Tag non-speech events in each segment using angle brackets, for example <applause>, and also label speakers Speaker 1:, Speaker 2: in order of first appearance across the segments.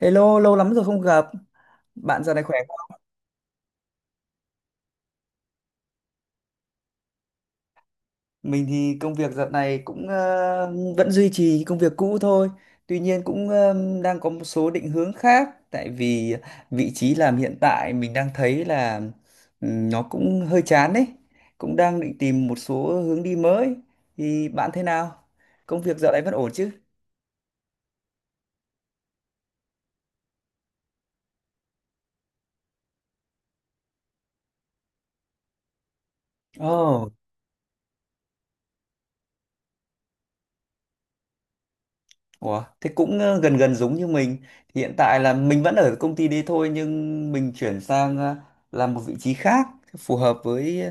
Speaker 1: Hello, lâu lắm rồi không gặp. Bạn giờ này khỏe không? Mình thì công việc dạo này cũng vẫn duy trì công việc cũ thôi. Tuy nhiên cũng đang có một số định hướng khác. Tại vì vị trí làm hiện tại mình đang thấy là nó cũng hơi chán đấy. Cũng đang định tìm một số hướng đi mới. Thì bạn thế nào? Công việc dạo này vẫn ổn chứ? Ồ. Ủa, thế cũng gần gần giống như mình. Thì hiện tại là mình vẫn ở công ty đấy thôi, nhưng mình chuyển sang làm một vị trí khác phù hợp với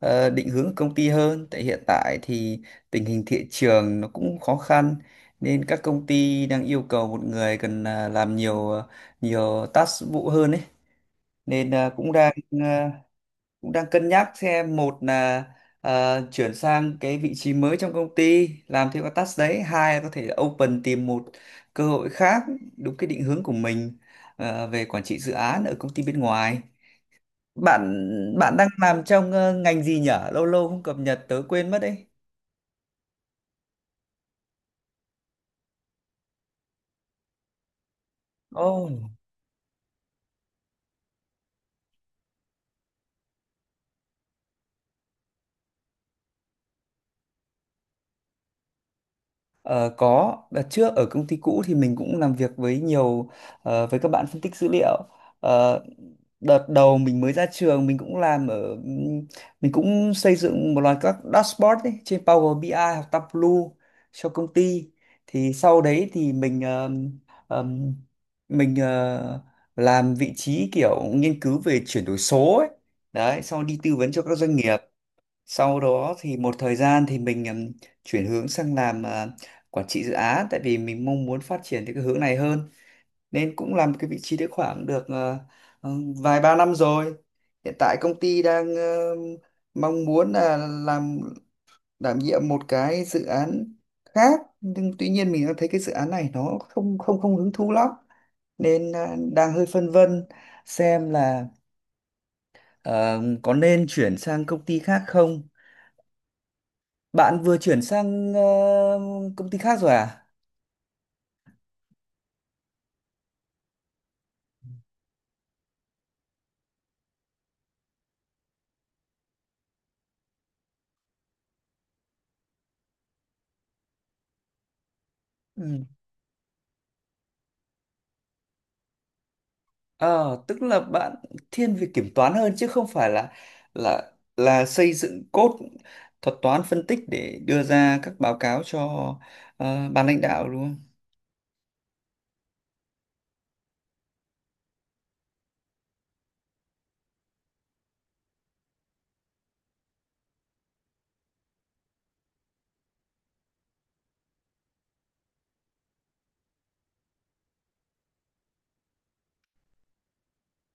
Speaker 1: định hướng của công ty hơn. Tại hiện tại thì tình hình thị trường nó cũng khó khăn, nên các công ty đang yêu cầu một người cần làm nhiều task vụ hơn ấy. Nên cũng đang cân nhắc xem, một là chuyển sang cái vị trí mới trong công ty làm thêm các task đấy, hai là có thể open tìm một cơ hội khác đúng cái định hướng của mình về quản trị dự án ở công ty bên ngoài. Bạn bạn đang làm trong ngành gì nhở, lâu lâu không cập nhật tớ quên mất đấy. Ồ. Ờ, có đợt trước ở công ty cũ thì mình cũng làm việc với với các bạn phân tích dữ liệu. Ờ, Đợt đầu mình mới ra trường, mình cũng làm ở mình cũng xây dựng một loạt các dashboard ấy, trên Power BI ai hoặc Tableau cho công ty. Thì sau đấy thì mình ờm, mình ờ, làm vị trí kiểu nghiên cứu về chuyển đổi số ấy, đấy sau đi tư vấn cho các doanh nghiệp. Sau đó thì một thời gian thì mình chuyển hướng sang làm quản trị dự án, tại vì mình mong muốn phát triển theo cái hướng này hơn, nên cũng làm cái vị trí đấy khoảng được ờ, vài ba năm rồi. Hiện tại công ty đang mong muốn là làm đảm nhiệm một cái dự án khác, nhưng tuy nhiên mình đang thấy cái dự án này nó không không không hứng thú lắm, nên đang hơi phân vân xem là ờ, có nên chuyển sang công ty khác không. Bạn vừa chuyển sang công ty khác rồi à? Ừ. Ờ, Tức là bạn thiên về kiểm toán hơn chứ không phải là xây dựng code thuật toán phân tích để đưa ra các báo cáo cho ban lãnh đạo, đúng không?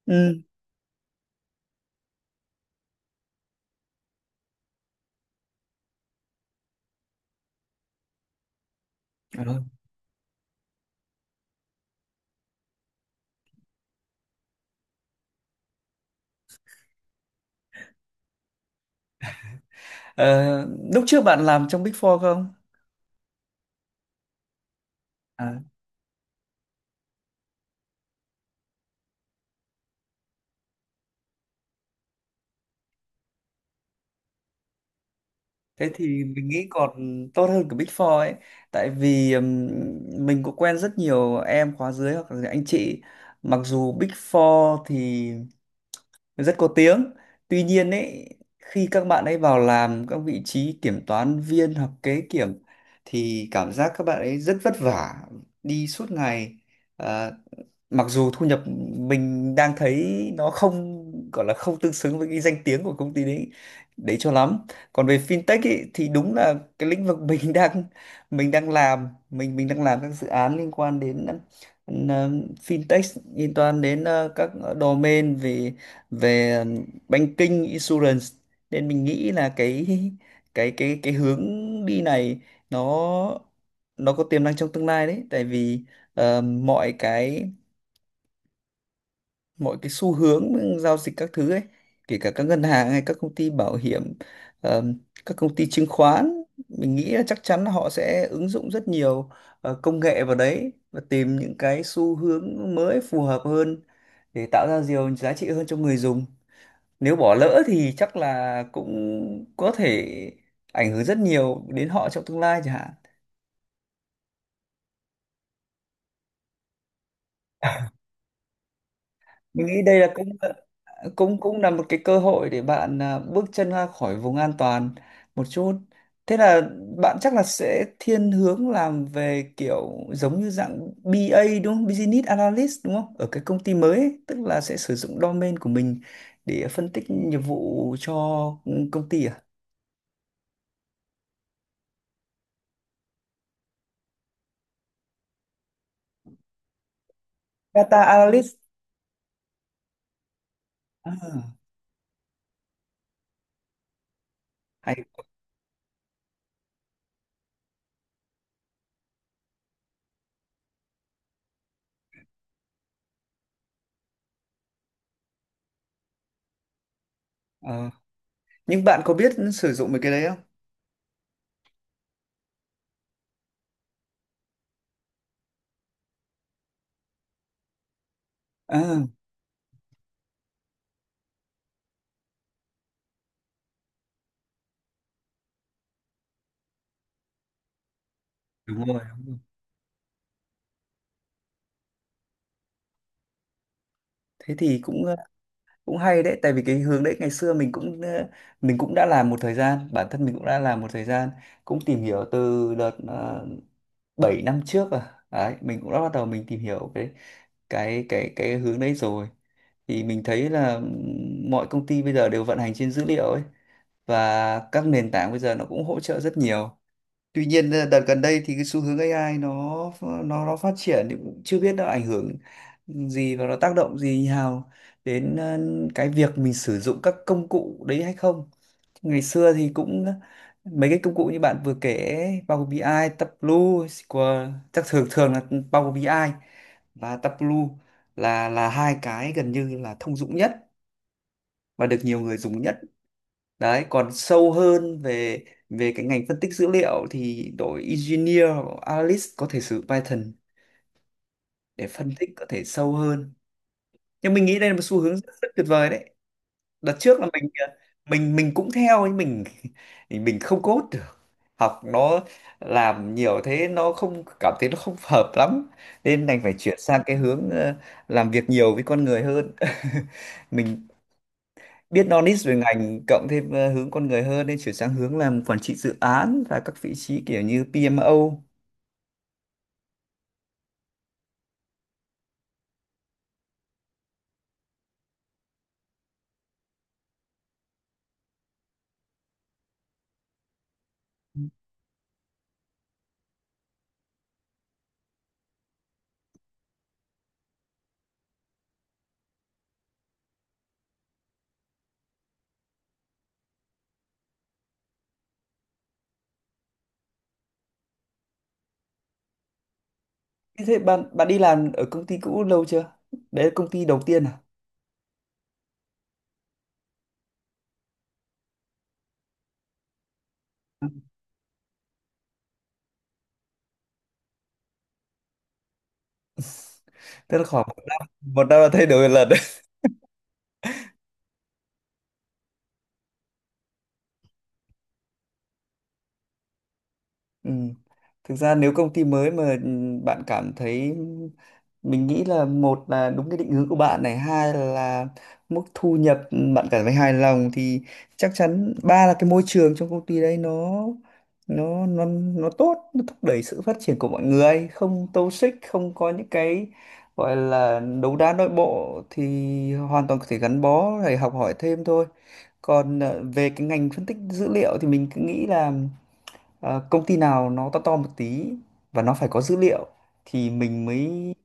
Speaker 1: Ừ. Rồi. Ờ, Lúc trước bạn làm trong Big Four không? Thế thì mình nghĩ còn tốt hơn cả Big Four ấy. Tại vì mình cũng quen rất nhiều em khóa dưới hoặc là anh chị. Mặc dù Big Four thì rất có tiếng, tuy nhiên ấy, khi các bạn ấy vào làm các vị trí kiểm toán viên hoặc kế kiểm thì cảm giác các bạn ấy rất vất vả, đi suốt ngày. Ờ, Mặc dù thu nhập, mình đang thấy nó không, gọi là không tương xứng với cái danh tiếng của công ty đấy đấy cho lắm. Còn về fintech ấy, thì đúng là cái lĩnh vực mình <laughs> đang mình đang làm các dự án liên quan đến ừm, ờ, fintech, liên quan đến các domain về về banking insurance, nên mình nghĩ là cái hướng đi này nó nó có tiềm năng trong tương lai đấy, tại vì ờ, mọi cái mọi cái xu hướng giao dịch các thứ ấy, kể cả các ngân hàng hay các công ty bảo hiểm, ờm, các công ty chứng khoán, mình nghĩ là chắc chắn là họ sẽ ứng dụng rất nhiều công nghệ vào đấy, và tìm những cái xu hướng mới phù hợp hơn để tạo ra nhiều giá trị hơn cho người dùng. Nếu bỏ lỡ thì chắc là cũng có thể ảnh hưởng rất nhiều đến họ trong tương lai chẳng hạn. Mình nghĩ đây là cũng cũng cũng là một cái cơ hội để bạn bước chân ra khỏi vùng an toàn một chút. Thế là bạn chắc là sẽ thiên hướng làm về kiểu giống như dạng BA đúng không, Business Analyst, đúng không, ở cái công ty mới ấy, tức là sẽ sử dụng domain của mình để phân tích nghiệp vụ cho công ty à? Data Analyst à? Hay Ờ, nhưng bạn có biết sử dụng mấy cái đấy không? À, đúng rồi, đúng rồi. Thế thì cũng cũng hay đấy, tại vì cái hướng đấy ngày xưa mình cũng đã làm một thời gian, bản thân mình cũng đã làm một thời gian, cũng tìm hiểu từ đợt 7 năm trước, à đấy, mình cũng đã bắt đầu, mình tìm hiểu cái hướng đấy rồi. Thì mình thấy là mọi công ty bây giờ đều vận hành trên dữ liệu ấy, và các nền tảng bây giờ nó cũng hỗ trợ rất nhiều. Tuy nhiên đợt gần đây thì cái xu hướng AI nó phát triển, thì cũng chưa biết nó ảnh hưởng gì và nó tác động gì nào đến cái việc mình sử dụng các công cụ đấy hay không. Ngày xưa thì cũng mấy cái công cụ như bạn vừa kể ấy, Power BI, ai, Tableau, SQL, chắc thường thường là Power BI ai và Tableau là hai cái gần như là thông dụng nhất và được nhiều người dùng nhất đấy. Còn sâu hơn về về cái ngành phân tích dữ liệu thì đội engineer hoặc analyst có thể sử dụng Python để phân tích có thể sâu hơn, nhưng mình nghĩ đây là một xu hướng rất, rất tuyệt vời đấy. Đợt trước là mình cũng theo, nhưng mình <laughs> mình không code được, học nó làm nhiều thế nó không, cảm thấy nó không hợp lắm, nên đành phải chuyển sang cái hướng làm việc nhiều với con người hơn. <laughs> Mình biết knowledge về ngành, cộng thêm hướng con người hơn, nên chuyển sang hướng làm quản trị dự án và các vị trí kiểu như PMO. Thế thế bạn bạn đi làm ở công ty cũ lâu chưa? Đấy là công ty đầu tiên à? <laughs> Tức là khoảng một năm là thay đổi một lần. Ừ. Thực ra nếu công ty mới mà bạn cảm thấy, mình nghĩ là, một là đúng cái định hướng của bạn này, hai là mức thu nhập bạn cảm thấy hài lòng thì chắc chắn, ba là cái môi trường trong công ty đấy nó nó nó tốt, nó thúc đẩy sự phát triển của mọi người, không toxic, không có những cái gọi là đấu đá nội bộ, thì hoàn toàn có thể gắn bó để học hỏi thêm thôi. Còn về cái ngành phân tích dữ liệu thì mình cứ nghĩ là công ty nào nó to to một tí và nó phải có dữ liệu thì mình mới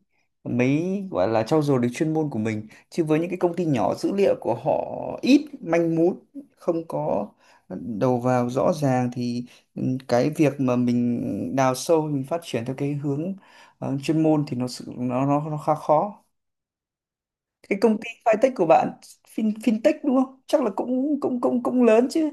Speaker 1: mới gọi là trau dồi được chuyên môn của mình, chứ với những cái công ty nhỏ, dữ liệu của họ ít, manh mún, không có đầu vào rõ ràng thì cái việc mà mình đào sâu, mình phát triển theo cái hướng chuyên môn thì nó sự nó khá khó. Cái công ty fintech của bạn, fintech đúng không, chắc là cũng cũng cũng cũng lớn chứ?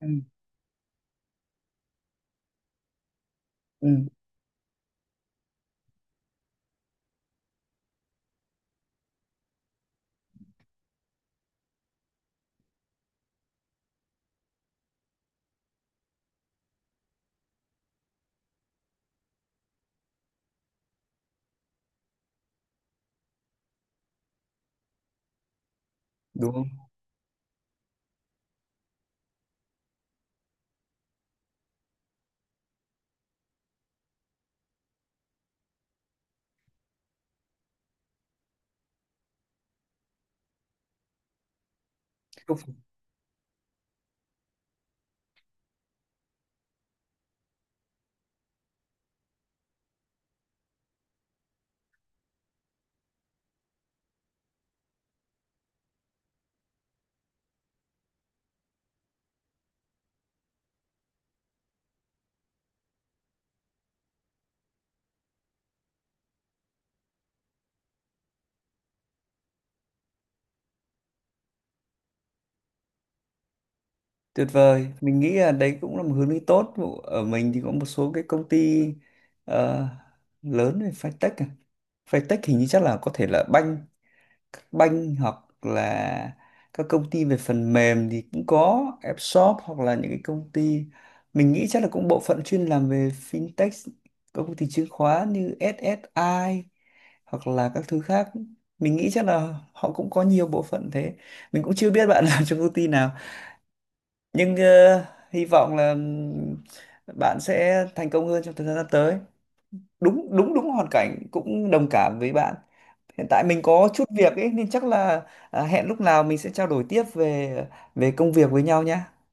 Speaker 1: Ừ, ừ, đúng không? Tuyệt vời, mình nghĩ là đấy cũng là một hướng đi tốt. Ở mình thì có một số cái công ty ờ, lớn về fintech à. Fintech hình như chắc là có thể là banh, hoặc là các công ty về phần mềm thì cũng có app shop, hoặc là những cái công ty, mình nghĩ chắc là cũng bộ phận chuyên làm về fintech, các công ty chứng khoán như SSI hoặc là các thứ khác. Mình nghĩ chắc là họ cũng có nhiều bộ phận thế. Mình cũng chưa biết bạn <laughs> làm trong công ty nào nhưng hy vọng là bạn sẽ thành công hơn trong thời gian sắp tới. Đúng đúng đúng, hoàn cảnh cũng đồng cảm với bạn. Hiện tại mình có chút việc ấy nên chắc là hẹn lúc nào mình sẽ trao đổi tiếp về về công việc với nhau nhé.